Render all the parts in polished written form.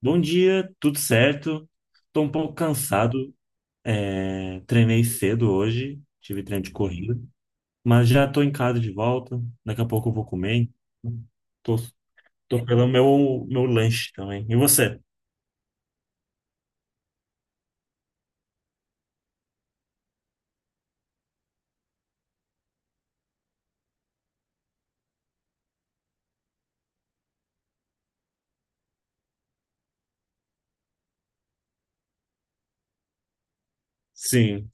Bom dia, tudo certo? Estou um pouco cansado. Treinei cedo hoje, tive treino de corrida, mas já estou em casa de volta. Daqui a pouco eu vou comer. Então tô, tô pelo meu lanche também. E você? Sim.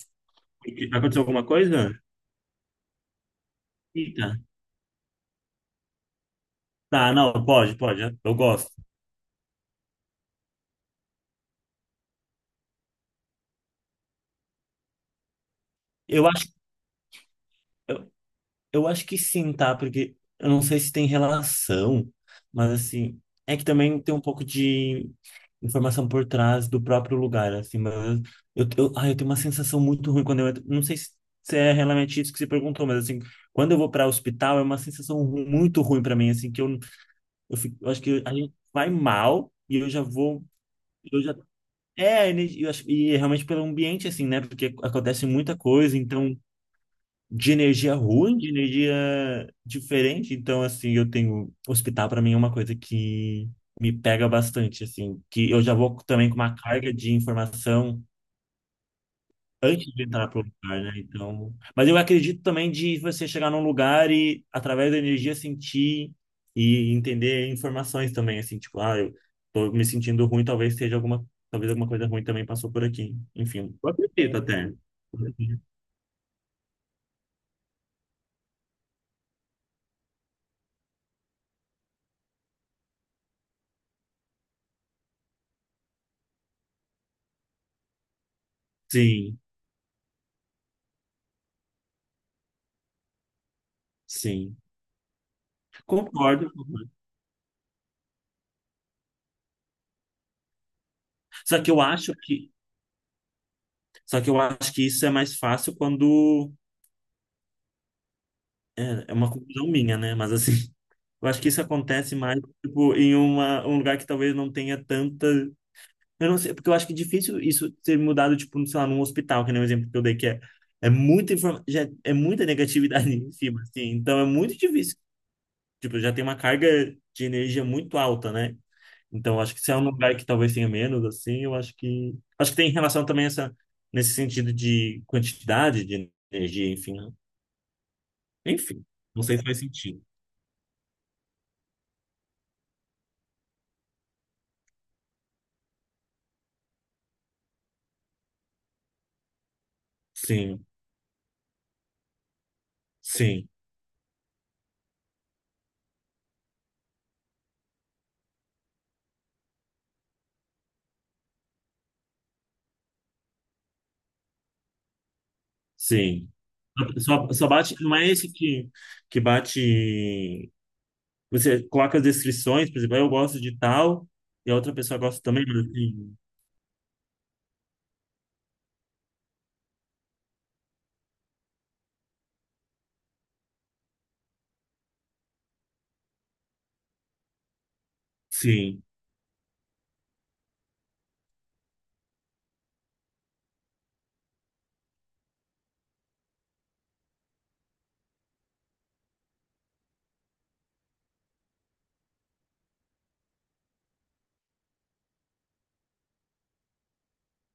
Aconteceu alguma coisa? Eita. Tá, não, pode. Eu gosto. Eu acho Eu acho que sim, tá? Porque eu não sei se tem relação, mas assim, é que também tem um pouco de informação por trás do próprio lugar, assim, mas eu tenho uma sensação muito ruim quando eu entro. Não sei se é realmente isso que você perguntou, mas assim, quando eu vou para hospital é uma sensação muito ruim para mim, assim, que fico, eu acho que a gente vai mal e eu já vou, eu já. É, eu acho, e é realmente pelo ambiente, assim, né? Porque acontece muita coisa, então de energia ruim, de energia diferente. Então, assim, eu tenho. Hospital, para mim, é uma coisa que me pega bastante, assim, que eu já vou também com uma carga de informação antes de entrar pro lugar, né? Então. Mas eu acredito também de você chegar num lugar e, através da energia, sentir e entender informações também, assim, tipo, ah, eu tô me sentindo ruim, talvez seja alguma. Talvez alguma coisa ruim também passou por aqui. Enfim, eu acredito até. Sim, sim. Concordo. Só que eu acho que, só que eu acho que isso é mais fácil quando é uma conclusão minha, né? Mas assim, eu acho que isso acontece mais tipo em uma um lugar que talvez não tenha tanta, eu não sei, porque eu acho que é difícil isso ser mudado tipo, sei lá, num hospital, que nem o exemplo que eu dei que é é muita informa... Já é muita negatividade em cima, assim. Então é muito difícil. Tipo, já tem uma carga de energia muito alta, né? Então, acho que se é um lugar que talvez tenha menos, assim, eu acho que. Acho que tem relação também essa, nesse sentido de quantidade de energia, enfim, né? Enfim, não sei se faz sentido. Sim, sim, sim. Só bate, não é esse que bate. Você coloca as descrições, por exemplo, "Ah, eu gosto de tal, e a outra pessoa gosta também", mas assim. Sim,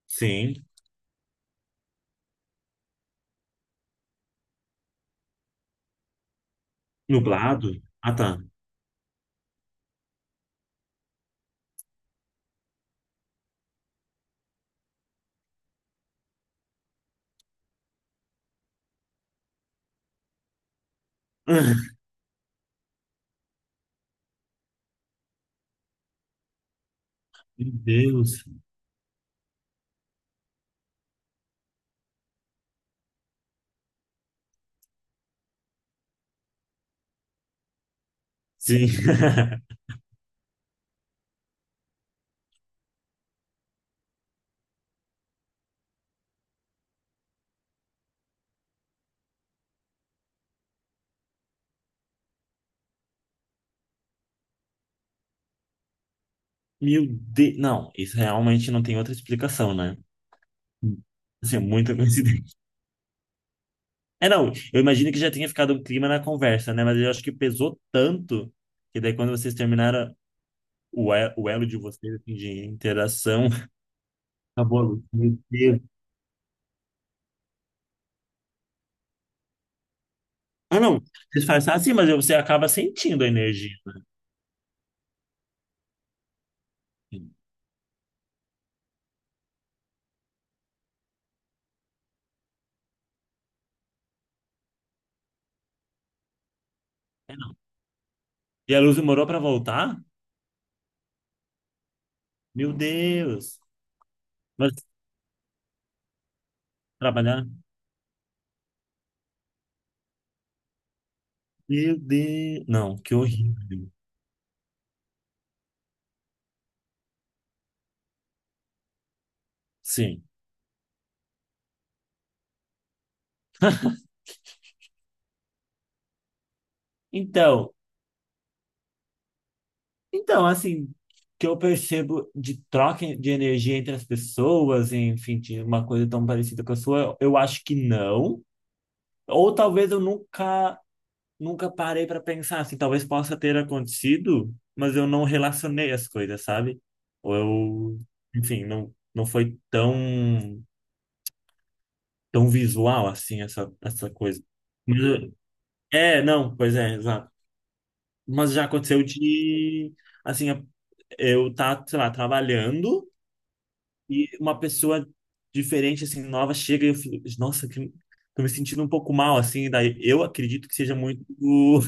sim. Nublado? Ah, tá. Meu Deus. Sim. Meu Deus. Não, isso realmente não tem outra explicação, né? Assim, muita coincidência. É, não, eu imagino que já tenha ficado um clima na conversa, né? Mas eu acho que pesou tanto que daí quando vocês terminaram o elo de vocês, assim, de interação, acabou a luz. Meu Deus. Ah, não, vocês falam assim, mas você acaba sentindo a energia, assim. É, não. E a luz demorou para voltar? Meu Deus. Mas trabalhar? Meu Deus. Não, que horrível. Sim. Então. Então, assim, que eu percebo de troca de energia entre as pessoas, enfim, de uma coisa tão parecida com a sua, eu acho que não. Ou talvez eu nunca, nunca parei para pensar, assim, talvez possa ter acontecido, mas eu não relacionei as coisas, sabe? Ou eu, enfim, não, tão visual assim essa, essa coisa. Mas, eu- é, não, pois é, exato. Mas já aconteceu de, assim, eu tá, sei lá, trabalhando, e uma pessoa diferente, assim, nova, chega e eu fico, nossa, que, tô me sentindo um pouco mal, assim, daí eu acredito que seja muito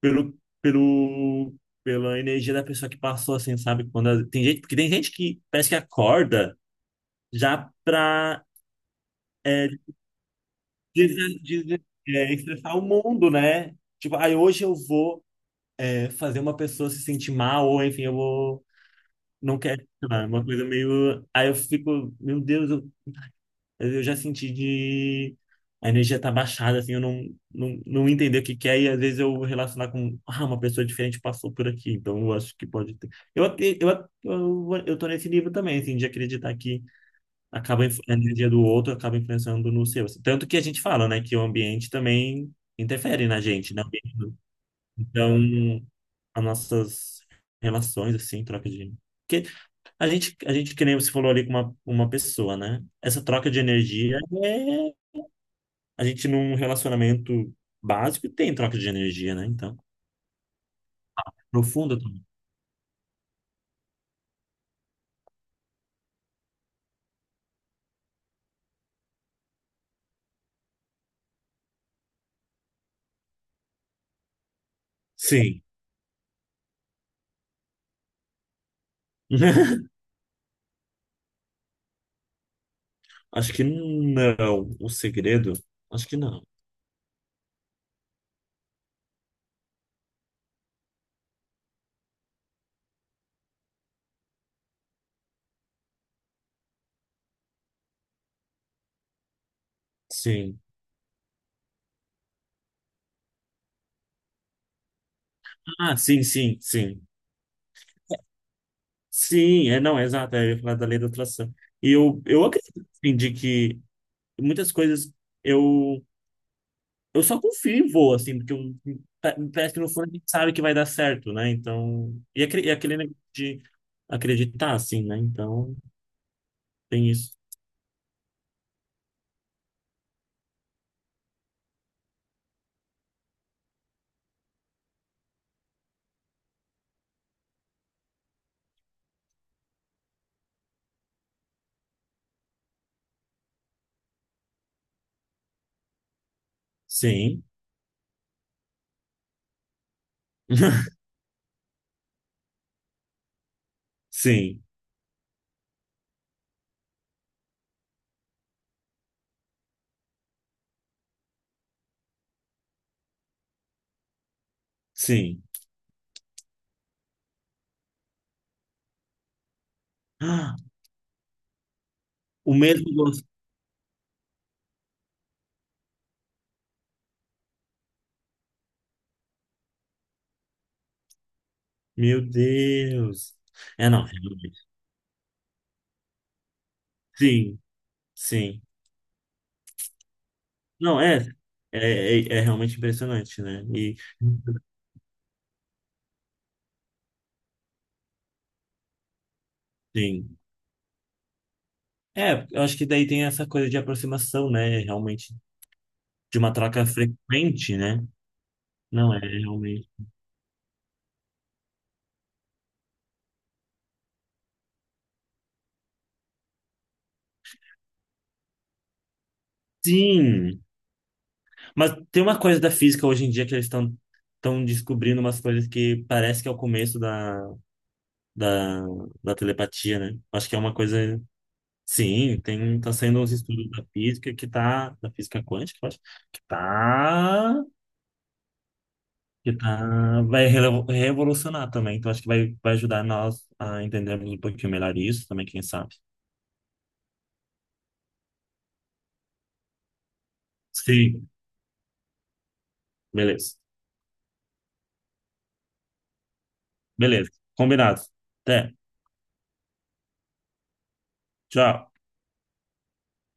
pelo, pela energia da pessoa que passou, assim, sabe? Tem gente, porque tem gente que parece que acorda já pra é, des- des- é, estressar o mundo, né? Tipo, aí hoje eu vou é, fazer uma pessoa se sentir mal, ou enfim, eu vou. Não quero, sei lá, é uma coisa meio. Aí eu fico, meu Deus, eu já senti de... A energia tá baixada, assim, eu não, não, não entender o que que é. E às vezes eu relacionar com... Ah, uma pessoa diferente passou por aqui. Então eu acho que pode ter... Eu, até- eu tô nesse livro também, assim, de acreditar que acaba a energia do outro acaba influenciando no seu, assim. Tanto que a gente fala, né, que o ambiente também interfere na gente, né? Então, as nossas relações, assim, troca de... Porque que nem você falou ali com uma pessoa, né? Essa troca de energia é a gente num relacionamento básico tem troca de energia, né? Então, profunda também. Sim. Acho que não. O segredo? Acho que não. Sim. Ah, sim, sim, sim. Sim, é, não, é exato. É, eu ia falar da lei da atração. E eu acredito, assim, de que muitas coisas eu, eu só confio e vou, assim, porque eu, me parece que no fundo a gente sabe que vai dar certo, né? Então, e aquele negócio de acreditar, assim, né? Então, tem isso. Sim. Sim, sim. Ah, o mesmo gosto. Meu Deus. É, não, realmente. Sim, sim. Não, é realmente impressionante, né? E, sim. É, eu acho que daí tem essa coisa de aproximação, né? Realmente, de uma troca frequente, né? Não, é realmente. Sim, mas tem uma coisa da física hoje em dia que eles estão descobrindo umas coisas que parece que é o começo da, da telepatia, né? Acho que é uma coisa sim, tem, tá sendo uns estudos da física que tá, da física quântica, eu acho, que tá, que tá, vai revolucionar também, então acho que vai ajudar nós a entendermos um pouquinho melhor isso também, quem sabe. Sim, beleza. Beleza, combinado. Até, tchau.